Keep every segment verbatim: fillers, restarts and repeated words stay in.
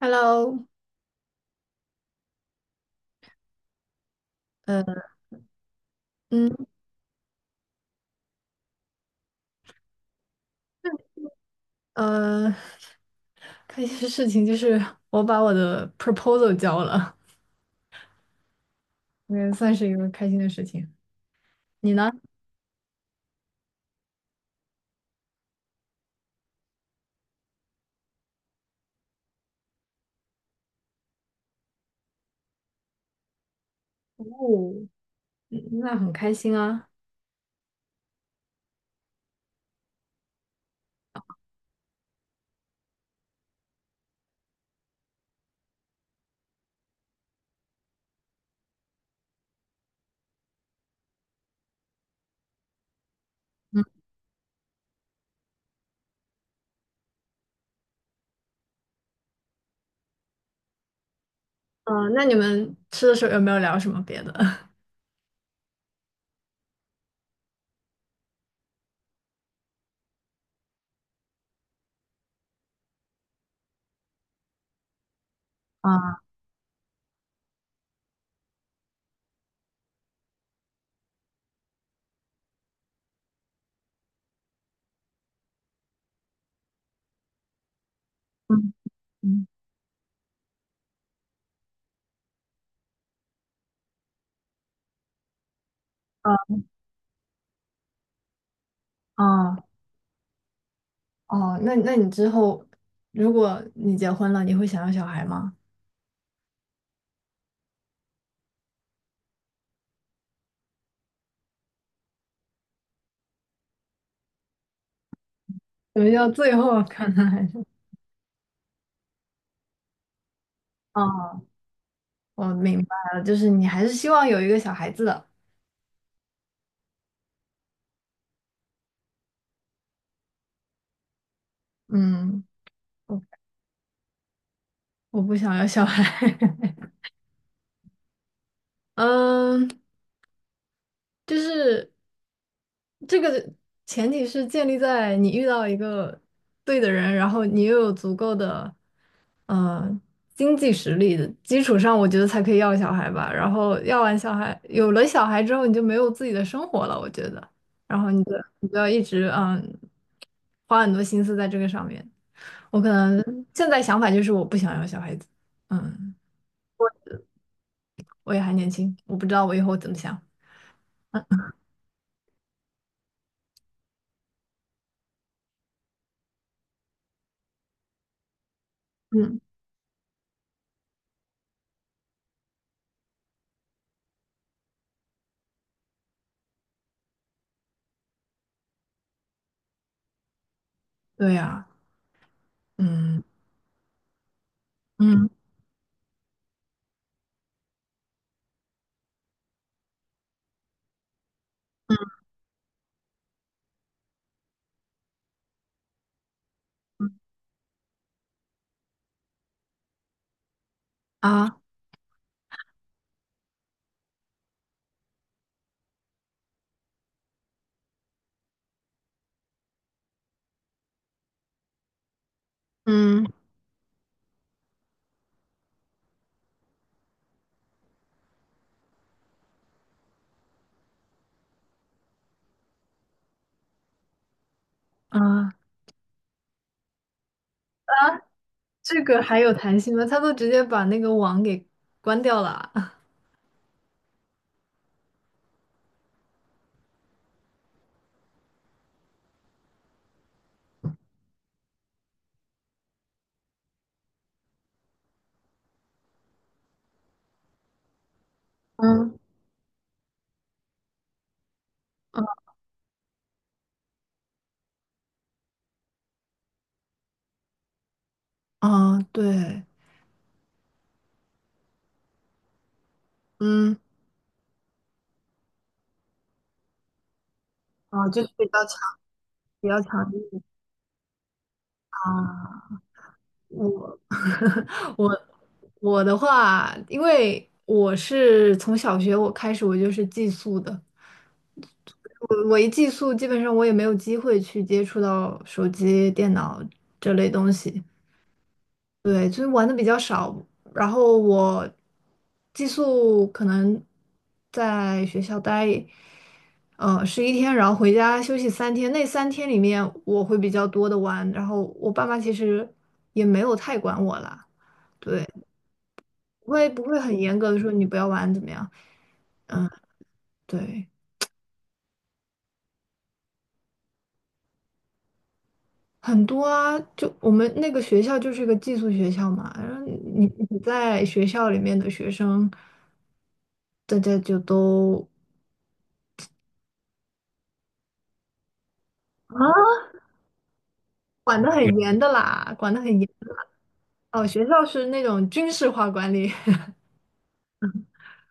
Hello，呃，嗯，呃，开心的事情就是我把我的 proposal 交了，我也算是一个开心的事情。你呢？哦，嗯那很开心啊。嗯嗯。那你们吃的时候有没有聊什么别的？啊，嗯嗯啊，呃哦哦，那那你之后，如果你结婚了，你会想要小孩吗？什么叫最后可能还是？哦，我明白了，就是你还是希望有一个小孩子的。嗯。我不想要小孩。嗯，就是这个前提是建立在你遇到一个对的人，然后你又有足够的嗯经济实力的基础上，我觉得才可以要小孩吧。然后要完小孩，有了小孩之后，你就没有自己的生活了，我觉得。然后你就你就要一直嗯花很多心思在这个上面。我可能现在想法就是我不想要小孩子，嗯，我也还年轻，我不知道我以后怎么想。嗯，对呀。嗯嗯啊嗯啊，这个还有弹性吗？他都直接把那个网给关掉了啊嗯嗯啊，对，嗯啊，就是比较强，比较强硬啊。我 我我的话，因为我是从小学我开始我就是寄宿的，我我一寄宿，基本上我也没有机会去接触到手机、电脑这类东西。对，就是玩的比较少，然后我寄宿可能在学校待呃十一天，然后回家休息三天。那三天里面我会比较多的玩，然后我爸妈其实也没有太管我啦，对，不会不会很严格的说你不要玩怎么样，嗯，对，很多啊，就我们那个学校就是一个寄宿学校嘛，然后你你在学校里面的学生，大家就都。啊。管得很严的啦，管得很严。哦，学校是那种军事化管理，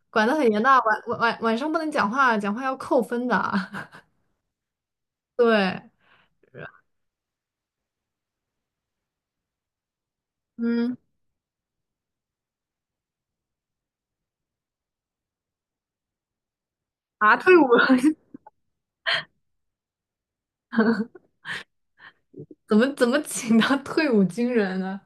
管得很严的，晚晚晚晚上不能讲话，讲话要扣分的。对，嗯，啊，退伍 怎么怎么请他退伍军人呢？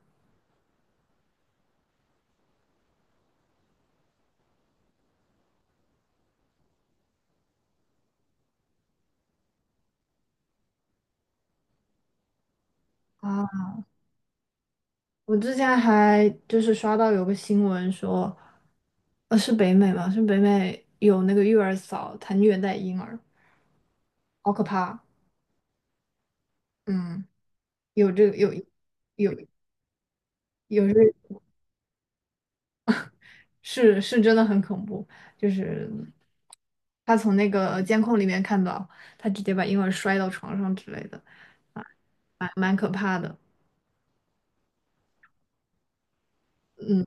啊，我之前还就是刷到有个新闻说，呃，是北美吗？是北美有那个育儿嫂，她虐待婴儿，好可怕。嗯，有这个有有有这。是是真的很恐怖，就是他从那个监控里面看到，他直接把婴儿摔到床上之类的，啊，蛮蛮可怕的。嗯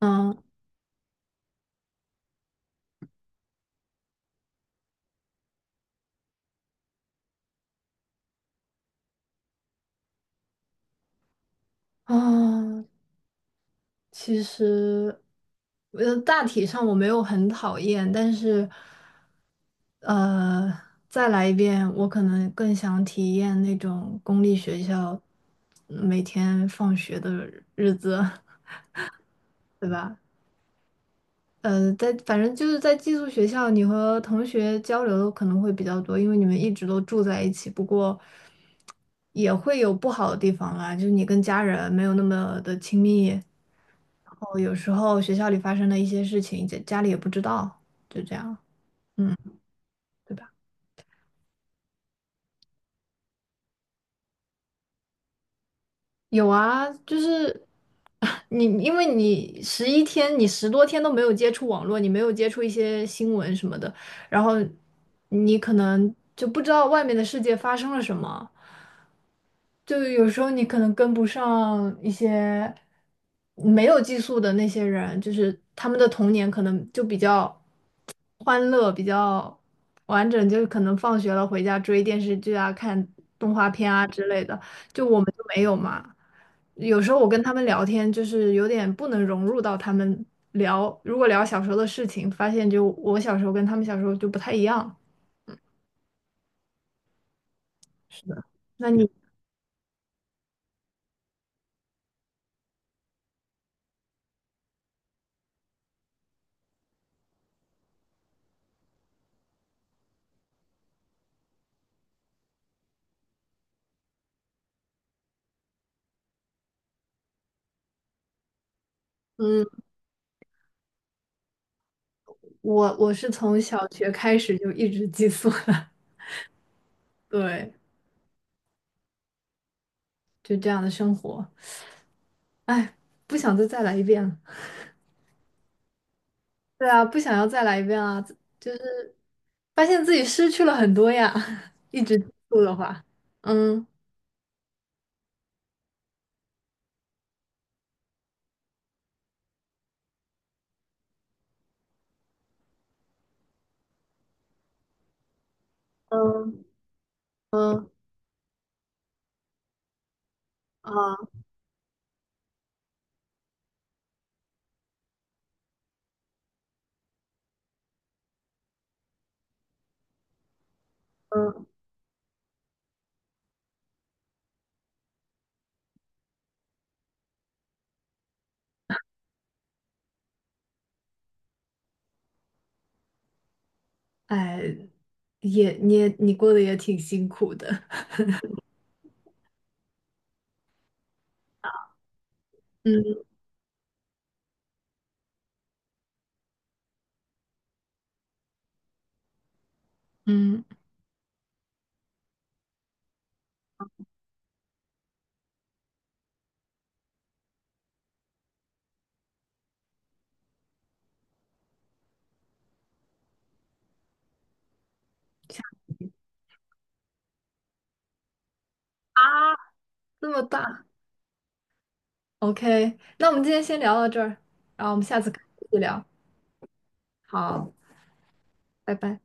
嗯啊，其实呃大体上我没有很讨厌，但是呃再来一遍，我可能更想体验那种公立学校每天放学的日子，对吧？呃，在反正就是在寄宿学校，你和同学交流可能会比较多，因为你们一直都住在一起。不过也会有不好的地方啦，就是你跟家人没有那么的亲密，然后有时候学校里发生的一些事情，家家里也不知道，就这样，对吧？有啊，就是 你，因为你十一天，你十多天都没有接触网络，你没有接触一些新闻什么的，然后你可能就不知道外面的世界发生了什么。就有时候你可能跟不上一些没有寄宿的那些人，就是他们的童年可能就比较欢乐，比较完整，就是可能放学了回家追电视剧啊、看动画片啊之类的，就我们就没有嘛。有时候我跟他们聊天，就是有点不能融入到他们聊，如果聊小时候的事情，发现就我小时候跟他们小时候就不太一样。是的，那你，嗯，我我是从小学开始就一直寄宿的。对，就这样的生活，哎，不想再再来一遍了。对啊，不想要再来一遍啊，发现自己失去了很多呀，一直接的话，嗯嗯嗯啊嗯哎，也你也你过得也挺辛苦的，嗯嗯，啊，这么大，OK，那我们今天先聊到这儿，然后我们下次开始聊，好，拜拜。